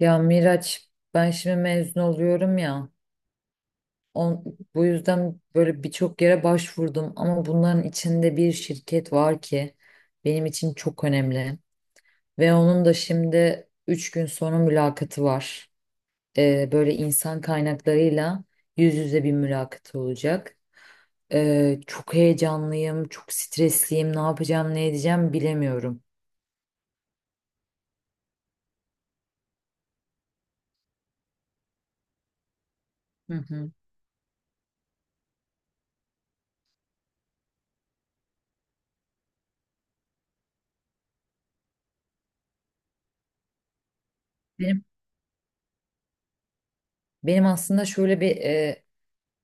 Ya Miraç, ben şimdi mezun oluyorum ya, on, bu yüzden böyle birçok yere başvurdum ama bunların içinde bir şirket var ki benim için çok önemli ve onun da şimdi 3 gün sonra mülakatı var. Böyle insan kaynaklarıyla yüz yüze bir mülakat olacak. Çok heyecanlıyım, çok stresliyim, ne yapacağım, ne edeceğim bilemiyorum. Hı hı. Benim benim aslında şöyle bir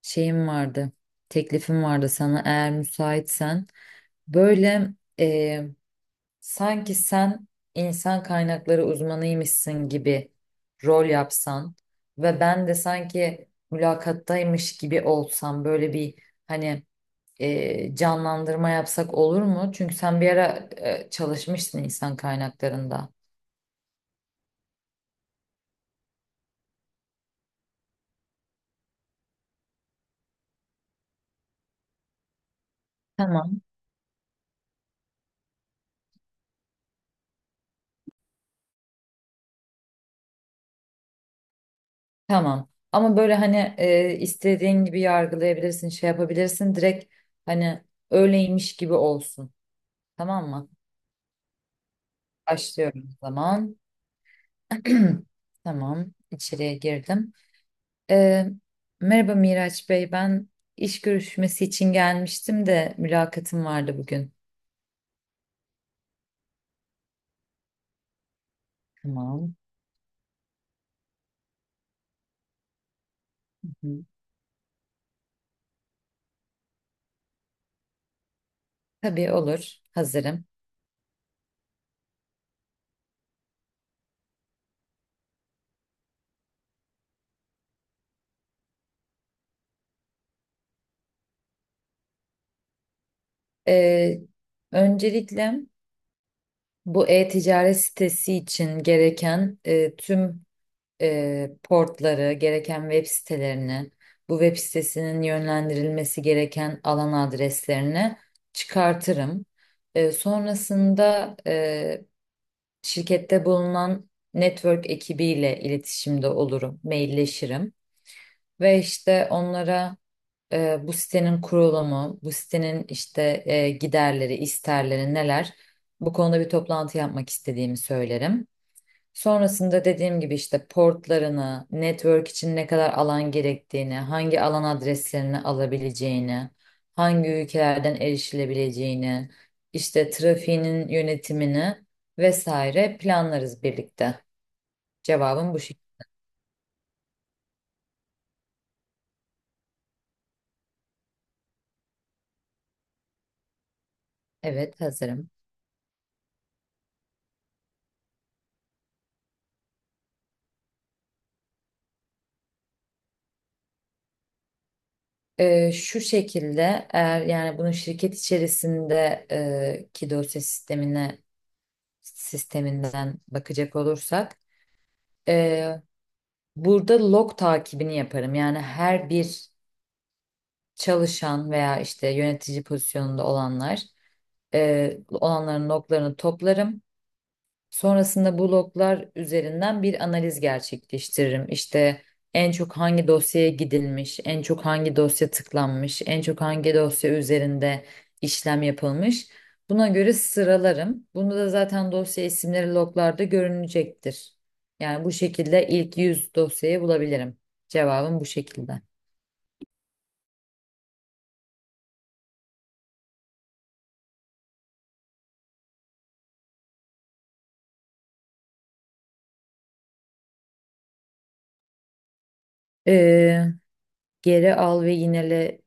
şeyim vardı. Teklifim vardı sana, eğer müsaitsen. Böyle e, sanki sen insan kaynakları uzmanıymışsın gibi rol yapsan ve ben de sanki mülakattaymış gibi olsam, böyle bir hani canlandırma yapsak olur mu? Çünkü sen bir ara çalışmışsın insan kaynaklarında. Tamam. Tamam. Ama böyle hani istediğin gibi yargılayabilirsin, şey yapabilirsin. Direkt hani öyleymiş gibi olsun. Tamam mı? Başlıyorum o zaman. Tamam, içeriye girdim. E, Merhaba Miraç Bey. Ben iş görüşmesi için gelmiştim de mülakatım vardı bugün. Tamam. Hı hı. Tabii olur. Hazırım. E, Öncelikle bu e-ticaret sitesi için gereken tüm portları, gereken web sitelerini, bu web sitesinin yönlendirilmesi gereken alan adreslerini çıkartırım. Sonrasında şirkette bulunan network ekibiyle iletişimde olurum, mailleşirim ve işte onlara bu sitenin kurulumu, bu sitenin işte giderleri, isterleri neler, bu konuda bir toplantı yapmak istediğimi söylerim. Sonrasında dediğim gibi işte portlarını, network için ne kadar alan gerektiğini, hangi alan adreslerini alabileceğini, hangi ülkelerden erişilebileceğini, işte trafiğinin yönetimini vesaire planlarız birlikte. Cevabım bu şekilde. Evet, hazırım. Şu şekilde, eğer yani bunu şirket içerisinde ki dosya sisteminden bakacak olursak e, burada log takibini yaparım. Yani her bir çalışan veya işte yönetici pozisyonunda olanların loglarını toplarım. Sonrasında bu loglar üzerinden bir analiz gerçekleştiririm. İşte en çok hangi dosyaya gidilmiş, en çok hangi dosya tıklanmış, en çok hangi dosya üzerinde işlem yapılmış. Buna göre sıralarım. Bunda da zaten dosya isimleri loglarda görünecektir. Yani bu şekilde ilk 100 dosyayı bulabilirim. Cevabım bu şekilde. Ee, Geri al ve yinele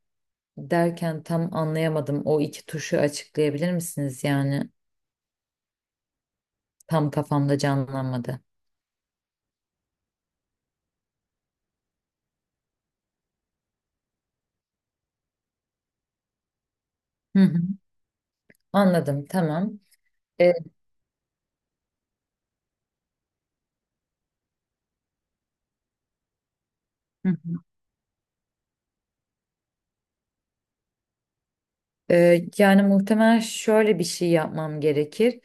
derken tam anlayamadım. O iki tuşu açıklayabilir misiniz? Yani tam kafamda canlanmadı. Hı hı. Anladım, tamam. Ee, Yani muhtemelen şöyle bir şey yapmam gerekir.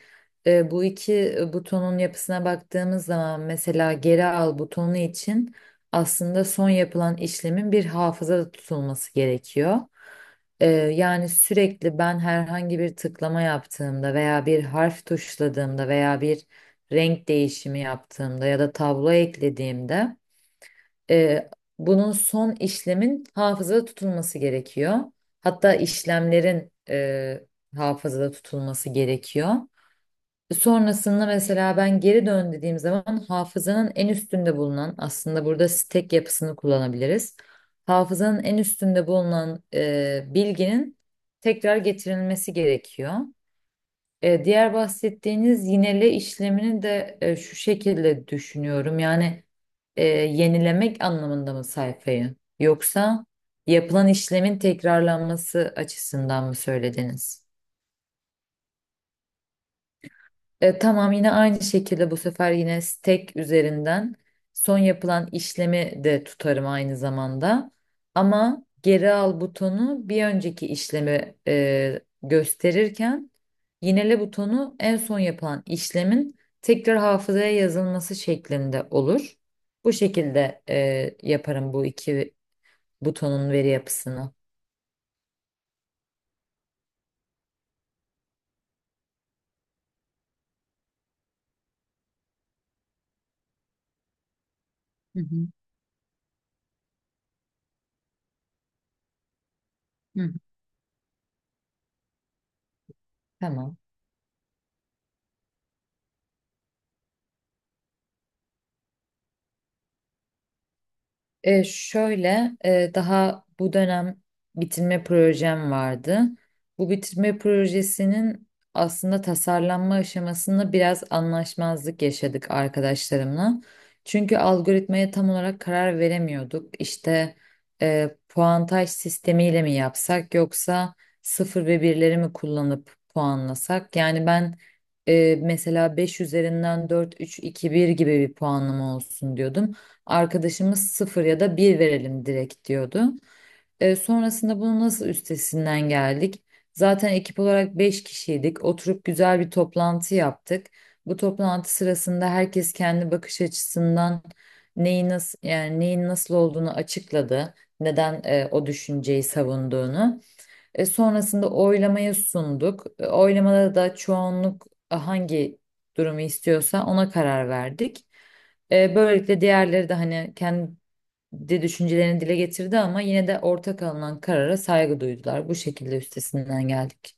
Bu iki butonun yapısına baktığımız zaman mesela geri al butonu için aslında son yapılan işlemin bir hafızada tutulması gerekiyor. Yani sürekli ben herhangi bir tıklama yaptığımda veya bir harf tuşladığımda veya bir renk değişimi yaptığımda ya da tablo eklediğimde e, bunun son işlemin hafızada tutulması gerekiyor. Hatta işlemlerin hafızada tutulması gerekiyor. Sonrasında mesela ben geri dön dediğim zaman hafızanın en üstünde bulunan, aslında burada stack yapısını kullanabiliriz. Hafızanın en üstünde bulunan bilginin tekrar getirilmesi gerekiyor. Diğer bahsettiğiniz yinele işlemini de şu şekilde düşünüyorum. Yani yenilemek anlamında mı sayfayı? Yoksa yapılan işlemin tekrarlanması açısından mı söylediniz? Tamam, yine aynı şekilde bu sefer yine stack üzerinden son yapılan işlemi de tutarım aynı zamanda. Ama geri al butonu bir önceki işlemi gösterirken, yinele butonu en son yapılan işlemin tekrar hafızaya yazılması şeklinde olur. Bu şekilde yaparım bu iki butonun veri yapısını. Hı hı. Hı hı. Tamam. Şöyle, daha bu dönem bitirme projem vardı. Bu bitirme projesinin aslında tasarlanma aşamasında biraz anlaşmazlık yaşadık arkadaşlarımla. Çünkü algoritmaya tam olarak karar veremiyorduk. İşte puantaj sistemiyle mi yapsak yoksa sıfır ve birleri mi kullanıp puanlasak? Yani ben mesela 5 üzerinden dört, üç, iki, bir gibi bir puanlama olsun diyordum. Arkadaşımız sıfır ya da bir verelim direkt diyordu. Sonrasında bunu nasıl üstesinden geldik? Zaten ekip olarak 5 kişiydik. Oturup güzel bir toplantı yaptık. Bu toplantı sırasında herkes kendi bakış açısından neyi nasıl, yani neyin nasıl olduğunu açıkladı. Neden o düşünceyi savunduğunu. Sonrasında oylamaya sunduk. Oylamada da çoğunluk hangi durumu istiyorsa ona karar verdik. Böylelikle diğerleri de hani kendi düşüncelerini dile getirdi ama yine de ortak alınan karara saygı duydular. Bu şekilde üstesinden geldik.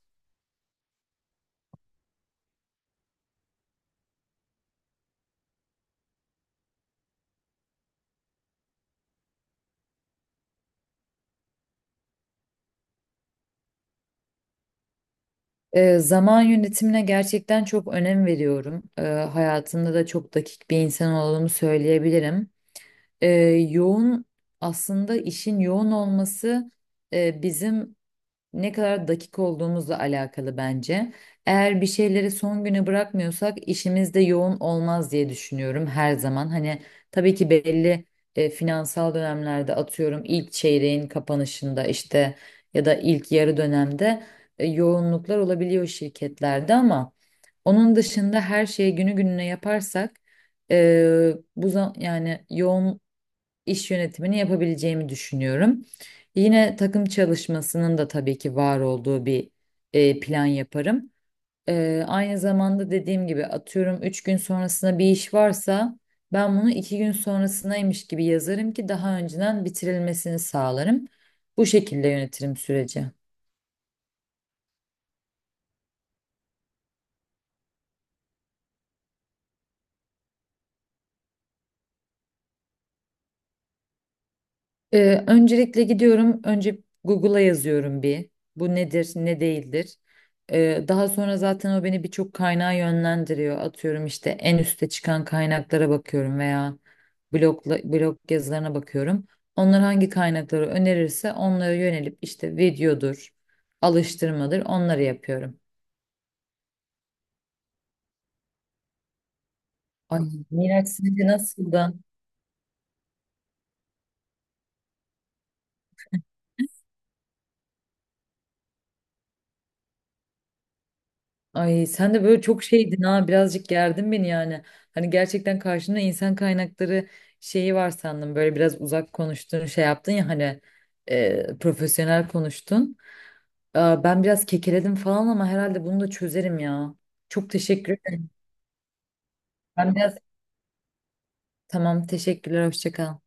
Zaman yönetimine gerçekten çok önem veriyorum. Hayatımda da çok dakik bir insan olduğumu söyleyebilirim. E, yoğun aslında işin yoğun olması bizim ne kadar dakik olduğumuzla alakalı bence. Eğer bir şeyleri son güne bırakmıyorsak işimiz de yoğun olmaz diye düşünüyorum her zaman. Hani tabii ki belli finansal dönemlerde atıyorum ilk çeyreğin kapanışında işte ya da ilk yarı dönemde yoğunluklar olabiliyor şirketlerde ama onun dışında her şeyi günü gününe yaparsak yani yoğun iş yönetimini yapabileceğimi düşünüyorum. Yine takım çalışmasının da tabii ki var olduğu bir plan yaparım. Aynı zamanda dediğim gibi atıyorum 3 gün sonrasında bir iş varsa ben bunu 2 gün sonrasındaymış gibi yazarım ki daha önceden bitirilmesini sağlarım. Bu şekilde yönetirim süreci. Öncelikle gidiyorum. Önce Google'a yazıyorum bir. Bu nedir, ne değildir. Daha sonra zaten o beni birçok kaynağa yönlendiriyor. Atıyorum işte en üste çıkan kaynaklara bakıyorum veya blog yazılarına bakıyorum. Onlar hangi kaynakları önerirse onlara yönelip işte videodur, alıştırmadır onları yapıyorum. Ay Miraç, sence nasıldı? Ay sen de böyle çok şeydin ha, birazcık gerdin beni yani. Hani gerçekten karşında insan kaynakları şeyi var sandım. Böyle biraz uzak konuştun, şey yaptın ya hani profesyonel konuştun. Aa, ben biraz kekeledim falan ama herhalde bunu da çözerim ya. Çok teşekkür ederim. Ben biraz, tamam, teşekkürler, hoşça kal.